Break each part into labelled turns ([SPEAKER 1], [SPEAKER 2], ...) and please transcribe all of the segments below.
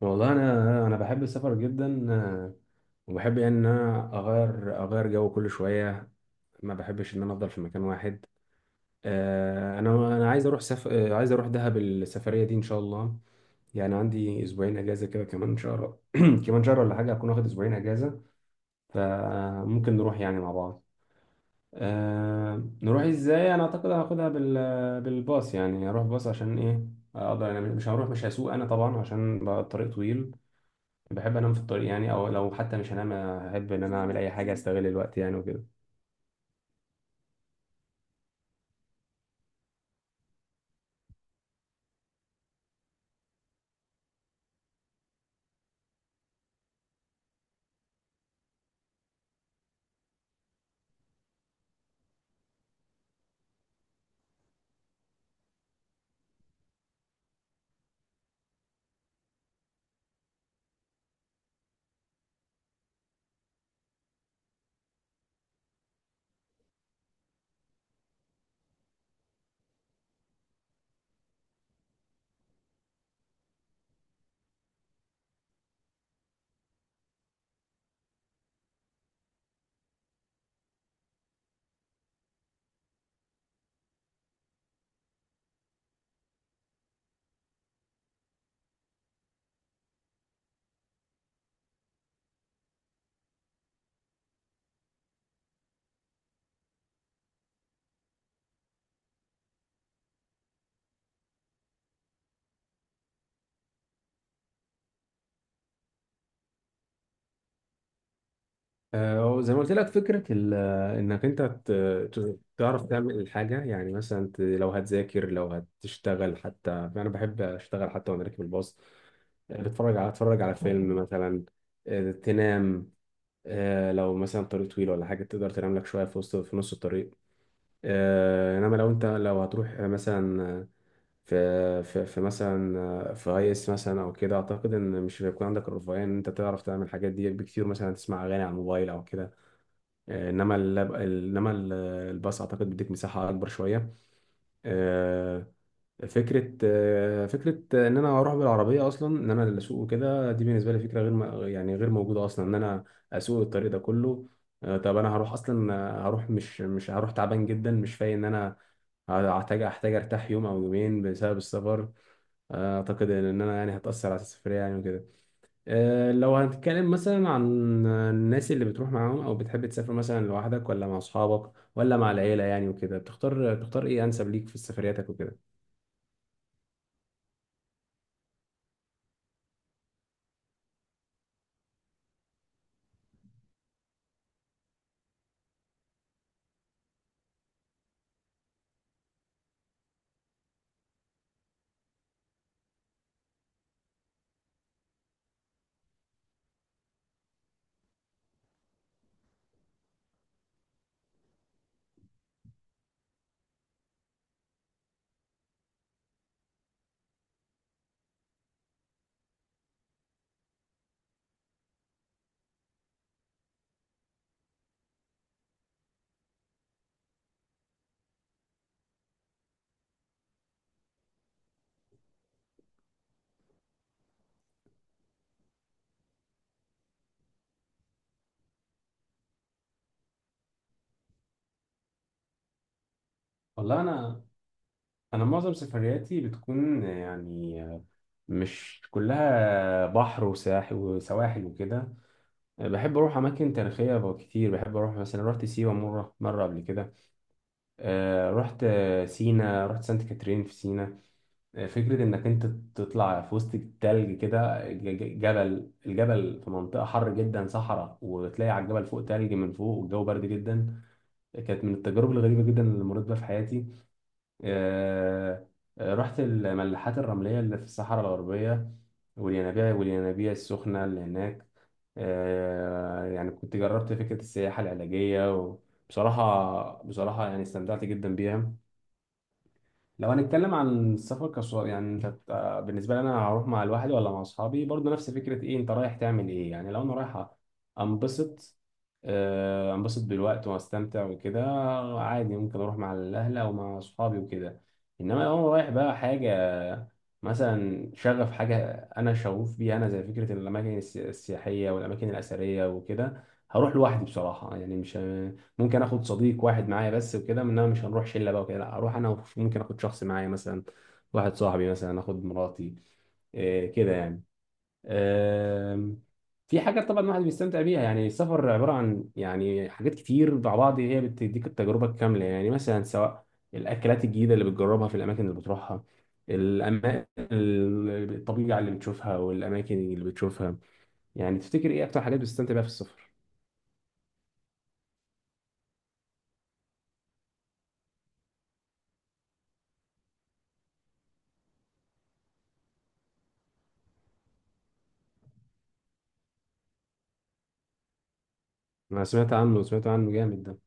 [SPEAKER 1] والله انا بحب السفر جدا. وبحب يعني ان انا اغير جو كل شويه، ما بحبش ان انا افضل في مكان واحد. انا عايز اروح سف... آه، عايز اروح دهب السفريه دي ان شاء الله. يعني عندي اسبوعين اجازه كده، كمان شهر كمان شهر ولا حاجه هكون واخد اسبوعين اجازه، فممكن نروح يعني مع بعض. أه، نروح ازاي؟ انا اعتقد هاخدها بالباص، يعني اروح باص عشان ايه؟ اقدر انا، مش هسوق انا طبعا عشان بقى الطريق طويل. بحب انام في الطريق يعني، او لو حتى مش هنام، احب ان انا اعمل اي حاجه، استغل الوقت يعني وكده. زي ما قلت لك، فكره انك انت تعرف تعمل الحاجه، يعني مثلا لو هتذاكر، لو هتشتغل حتى. انا بحب اشتغل حتى وانا راكب الباص. بتفرج على اتفرج على فيلم مثلا. تنام. لو مثلا طريق طويل ولا حاجه، تقدر تنام لك شويه في نص الطريق. انما لو هتروح مثلا في مثلا في اي اس مثلا او كده، اعتقد ان مش هيكون عندك الرفاهيه ان انت تعرف تعمل الحاجات دي بكتير، مثلا تسمع اغاني على الموبايل او كده. آه، انما اللاب ال- انما ال- الباص اعتقد بيديك مساحه اكبر شويه. آه، فكره ان انا اروح بالعربيه، اصلا ان انا اللي اسوق وكده، دي بالنسبه لي فكره غير م- يعني غير موجوده اصلا، ان انا اسوق الطريق ده كله. طب انا هروح اصلا، هروح مش مش هروح تعبان جدا، مش فايق. ان انا هحتاج ارتاح يوم او يومين بسبب السفر، اعتقد ان انا يعني هتاثر على السفريه يعني وكده. أه، لو هنتكلم مثلا عن الناس اللي بتروح معاهم، او بتحب تسافر مثلا لوحدك ولا مع اصحابك ولا مع العيله يعني وكده، بتختار ايه انسب ليك في سفرياتك وكده؟ والله، انا معظم سفرياتي بتكون يعني مش كلها بحر وساحل وسواحل وكده. بحب اروح اماكن تاريخيه كتير، بحب اروح مثلا، رحت سيوه مره قبل كده. أه، رحت سينا، رحت سانت كاترين في سينا. فكرة إنك أنت تطلع في وسط التلج كده، الجبل في منطقة حر جدا صحراء، وتلاقي على الجبل فوق تلج من فوق، والجو برد جدا، كانت من التجارب الغريبة جدا اللي مريت بيها في حياتي. آه، رحت الملاحات الرملية اللي في الصحراء الغربية، والينابيع السخنة اللي هناك. يعني كنت جربت فكرة السياحة العلاجية، وبصراحة يعني استمتعت جدا بيها. لو هنتكلم عن السفر كسؤال، يعني انت بالنسبه لي انا، هروح مع لوحدي ولا مع اصحابي؟ برضه نفس فكره، ايه انت رايح تعمل ايه يعني؟ لو انا رايح انبسط، انبسط بالوقت واستمتع وكده، عادي ممكن اروح مع الاهل او مع اصحابي وكده. انما لو انا رايح بقى حاجه، مثلا شغف، حاجه انا شغوف بيها، انا زي فكره الاماكن السياحيه والاماكن الاثريه وكده، هروح لوحدي بصراحه. يعني مش ممكن اخد صديق واحد معايا بس وكده، انما مش هنروح شله بقى وكده، لا اروح انا ممكن اخد شخص معايا، مثلا واحد صاحبي، مثلا اخد مراتي، إيه كده يعني. آم، في حاجات طبعا الواحد بيستمتع بيها، يعني السفر عباره عن يعني حاجات كتير مع بعض، هي بتديك التجربه الكامله يعني، مثلا سواء الاكلات الجديده اللي بتجربها في الاماكن اللي بتروحها، الطبيعه اللي بتشوفها والاماكن اللي بتشوفها. يعني تفتكر ايه اكتر حاجات بتستمتع بيها في السفر؟ انا سمعت عنه جامد ده.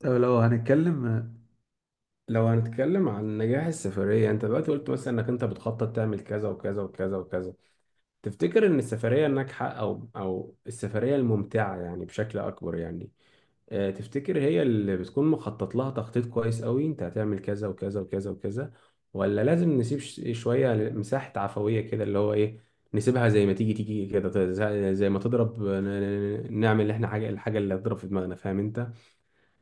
[SPEAKER 1] طب لو هنتكلم عن نجاح السفرية، انت دلوقتي قلت مثلا انك انت بتخطط تعمل كذا وكذا وكذا وكذا، تفتكر ان السفرية الناجحة او السفرية الممتعة يعني بشكل اكبر يعني، تفتكر هي اللي بتكون مخطط لها تخطيط كويس قوي انت هتعمل كذا وكذا وكذا وكذا؟ ولا لازم نسيب شوية مساحة عفوية كده، اللي هو ايه، نسيبها زي ما تيجي تيجي كده، زي ما تضرب، نعمل احنا حاجة، الحاجة اللي هتضرب في دماغنا، فاهم انت؟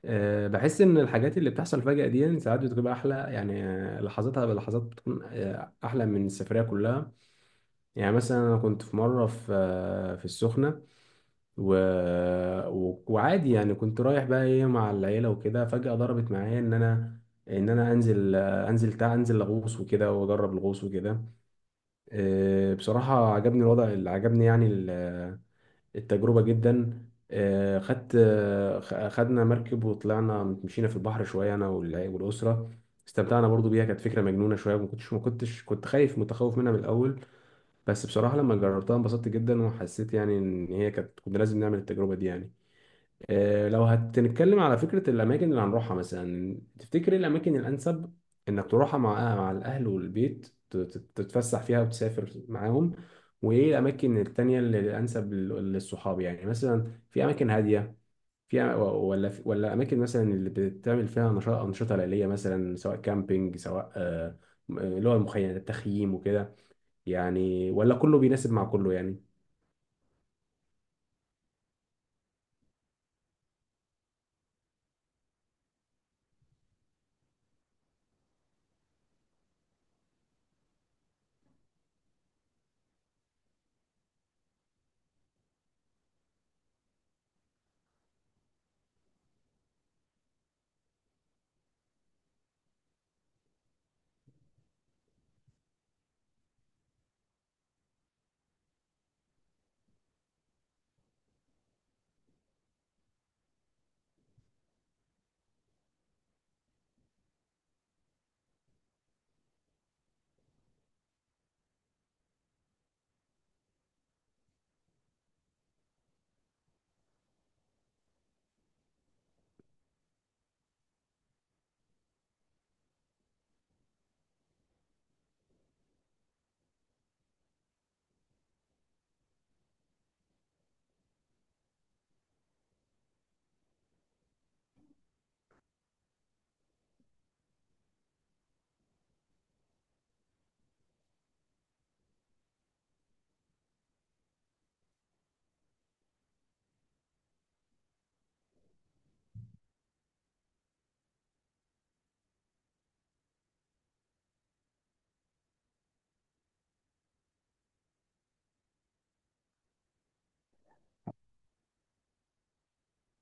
[SPEAKER 1] بحس ان الحاجات اللي بتحصل فجأة دي يعني ساعات بتبقى احلى يعني، لحظاتها بلحظات بتكون احلى من السفرية كلها. يعني مثلا انا كنت في مرة في السخنة، و... وعادي يعني، كنت رايح بقى ايه مع العيلة وكده، فجأة ضربت معايا ان انا، ان انا انزل، آه، انزل تع انزل اغوص وكده، واجرب الغوص وكده. بصراحة عجبني الوضع، اللي عجبني يعني التجربة جدا. خدنا مركب، وطلعنا مشينا في البحر شوية، أنا والأسرة، استمتعنا برضو بيها، كانت فكرة مجنونة شوية. ما كنتش كنت خايف متخوف منها من الأول، بس بصراحة لما جربتها انبسطت جدا، وحسيت يعني إن هي كنا لازم نعمل التجربة دي يعني. لو هتتكلم على فكرة الأماكن اللي هنروحها، مثلا تفتكر إيه الأماكن الأنسب إنك تروحها مع، مع الأهل والبيت، تتفسح فيها وتسافر معاهم؟ وإيه الأماكن التانية اللي الأنسب للصحاب؟ يعني مثلا في أماكن هادية، في أ- ولا في- ولا أماكن مثلا اللي بتعمل فيها نشاط، أنشطة ليلية مثلا، سواء كامبينج، سواء اللي هو المخيم التخييم وكده، يعني ولا كله بيناسب مع كله يعني؟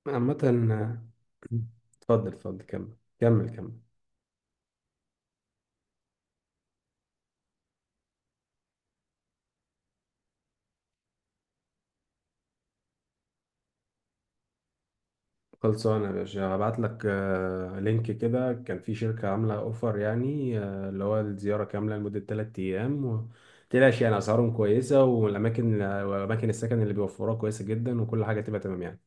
[SPEAKER 1] عامة، آه، اتفضل اتفضل، كمل كمل كمل. خلصانة يا باشا، هبعت لك لينك كده، كان في شركة عاملة اوفر يعني، اللي هو الزيارة كاملة لمدة 3 أيام متقلقش يعني، أسعارهم كويسة، والأماكن وأماكن السكن اللي بيوفروها كويسة جدا، وكل حاجة تبقى تمام يعني.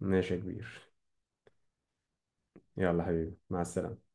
[SPEAKER 1] ماشي يا كبير. يلا حبيبي مع السلامة.